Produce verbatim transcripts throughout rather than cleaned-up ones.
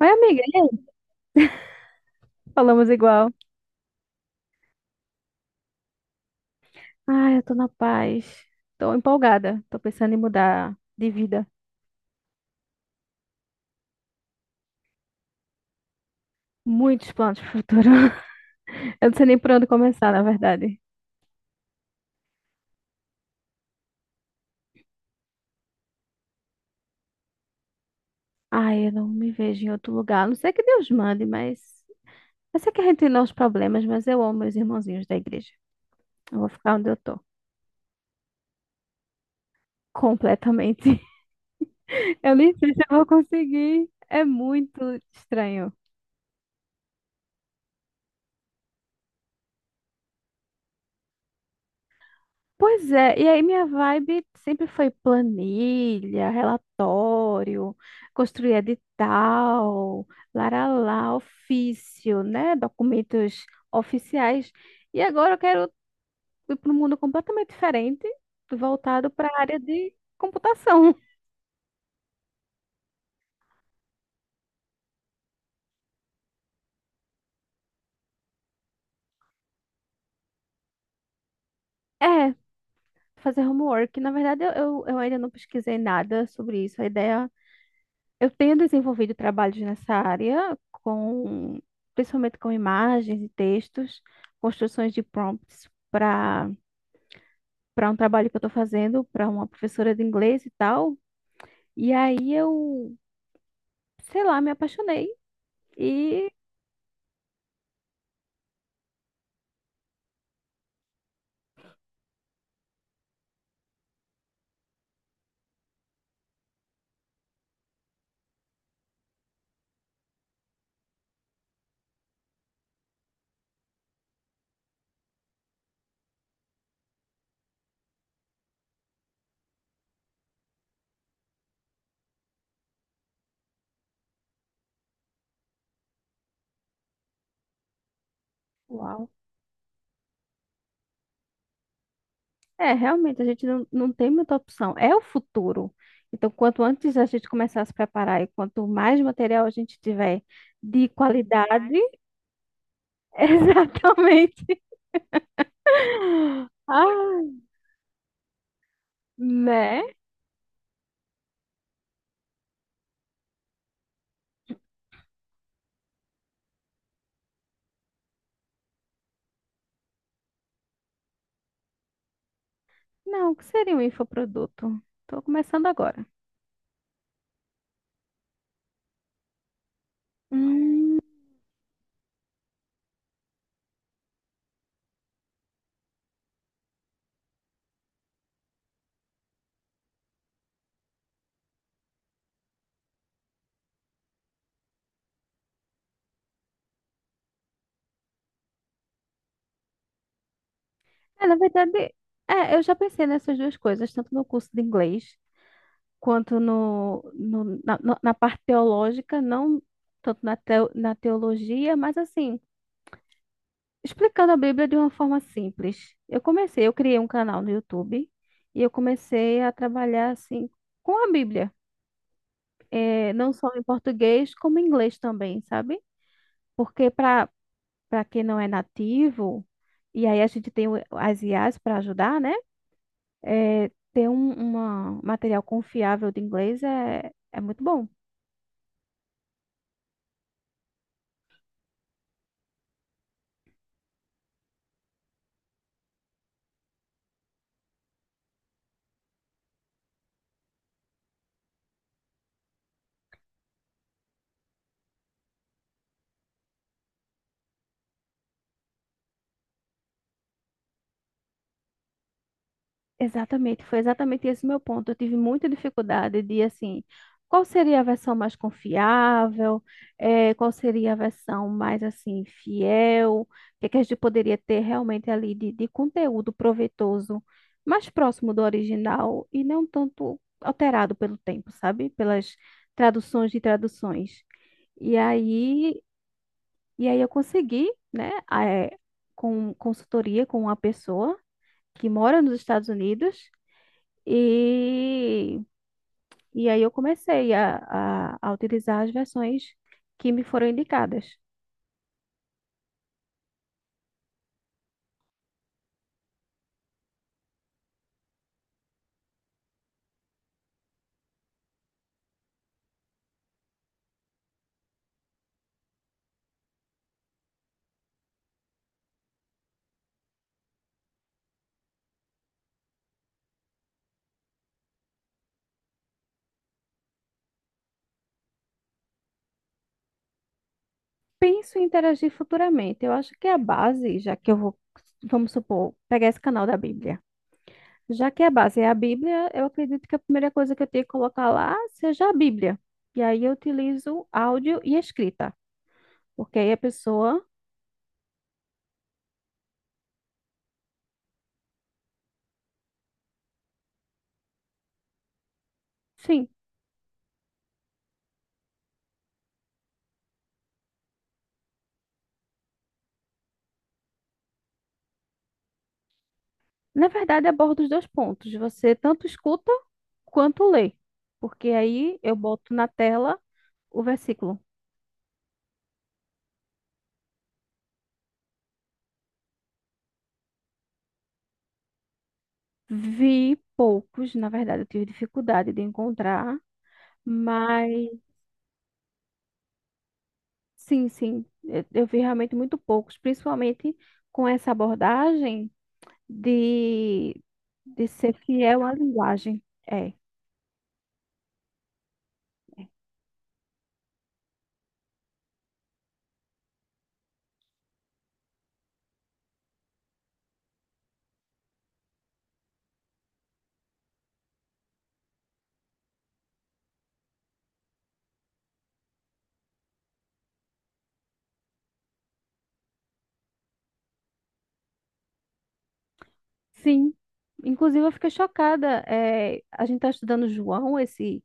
Oi, amiga, e aí? Falamos igual. Ai, eu tô na paz. Tô empolgada. Tô pensando em mudar de vida. Muitos planos pro futuro. Eu não sei nem por onde começar, na verdade. Ai, eu não me vejo em outro lugar. A não sei que Deus mande, mas. Eu sei que a gente tem os problemas, mas eu amo meus irmãozinhos da igreja. Eu vou ficar onde eu tô. Completamente. Eu nem sei se eu vou conseguir. É muito estranho. Pois é, e aí minha vibe sempre foi planilha, relatório, construir edital, laralá, ofício, né? Documentos oficiais. E agora eu quero ir para um mundo completamente diferente, voltado para a área de computação. É, fazer homework. Na verdade, eu, eu eu ainda não pesquisei nada sobre isso. A ideia. Eu tenho desenvolvido trabalhos nessa área com, principalmente com imagens e textos, construções de prompts para para um trabalho que eu estou fazendo para uma professora de inglês e tal. E aí eu, sei lá, me apaixonei e uau. É, realmente a gente não, não tem muita opção. É o futuro. Então, quanto antes a gente começar a se preparar e quanto mais material a gente tiver de qualidade, exatamente. Ah, né? Não, o que seria um infoproduto? Tô começando agora. Hum, é, na verdade, é, eu já pensei nessas duas coisas, tanto no curso de inglês quanto no, no- na, no- na parte teológica, não tanto na, teo- na teologia, mas assim, explicando a Bíblia de uma forma simples. Eu comecei, eu criei um canal no YouTube e eu comecei a trabalhar assim com a Bíblia, é, não só em português, como em inglês também, sabe? Porque para para quem não é nativo, e aí a gente tem o- as I As para ajudar, né? É, ter um uma- material confiável de inglês é, é muito bom. Exatamente, foi exatamente esse meu ponto. Eu tive muita dificuldade de, assim, qual seria a versão mais confiável, eh, qual seria a versão mais, assim, fiel, o que é que a gente poderia ter realmente ali de, de conteúdo proveitoso, mais próximo do original e não tanto alterado pelo tempo, sabe? Pelas traduções de traduções. E aí, e aí eu consegui, né, eh, com consultoria com uma pessoa que mora nos Estados Unidos, e, e aí eu comecei a, a, a utilizar as versões que me foram indicadas. Penso em interagir futuramente. Eu acho que a base, já que eu vou, vamos supor, pegar esse canal da Bíblia. Já que a base é a Bíblia, eu acredito que a primeira coisa que eu tenho que colocar lá seja a Bíblia. E aí eu utilizo áudio e escrita, porque aí a pessoa, sim, na verdade aborda os dois pontos. Você tanto escuta quanto lê, porque aí eu boto na tela o versículo. Vi poucos, na verdade, eu tive dificuldade de encontrar, mas sim, sim, eu, eu vi realmente muito poucos, principalmente com essa abordagem de, de ser fiel à linguagem. É, sim. Inclusive, eu fiquei chocada. É, a gente está estudando João esse,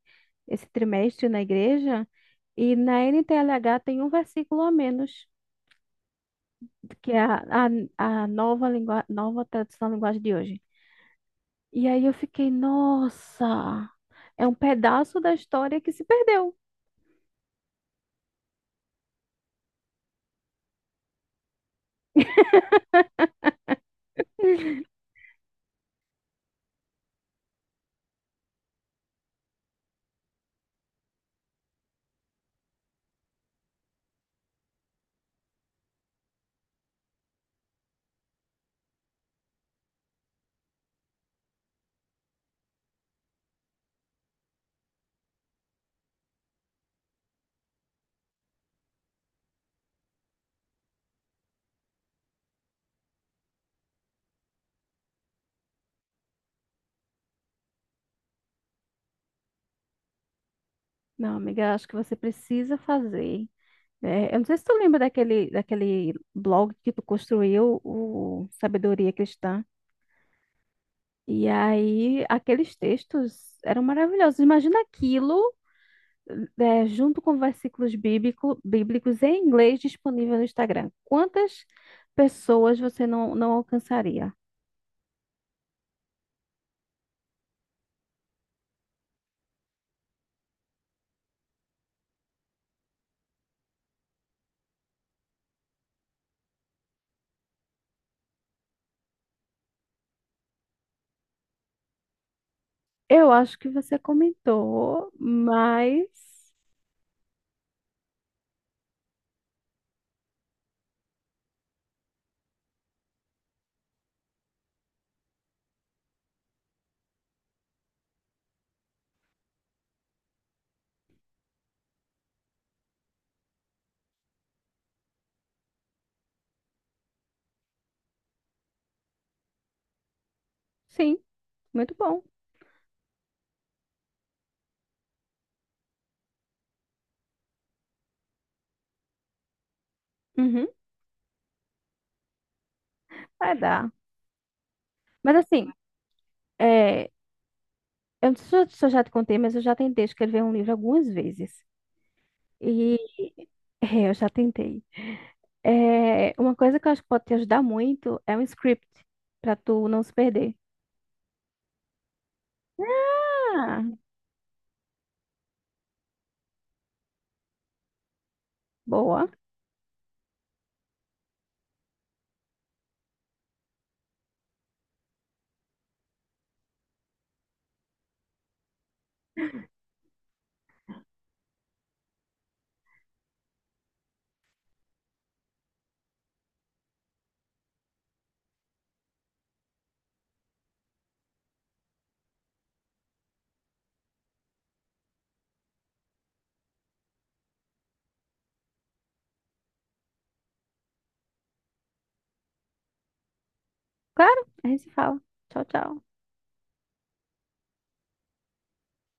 esse trimestre na igreja, e na N T L H tem um versículo a menos, que é a, a, a nova, lingua, nova tradução da linguagem de hoje. E aí eu fiquei, nossa, é um pedaço da história que se perdeu. Não, amiga, acho que você precisa fazer. É, eu não sei se tu lembra daquele, daquele blog que tu construiu, o Sabedoria Cristã. E aí, aqueles textos eram maravilhosos. Imagina aquilo, é, junto com versículos bíblico, bíblicos em inglês disponível no Instagram. Quantas pessoas você não, não alcançaria? Eu acho que você comentou, mas. Sim, muito bom. Uhum, vai dar. Mas assim, é, eu não sei se eu se eu já te contei, mas eu já tentei escrever um livro algumas vezes. E é, eu já tentei. É, uma coisa que eu acho que pode te ajudar muito é um script, pra tu não se perder. Ah, boa. Claro, a gente se fala. Tchau, tchau.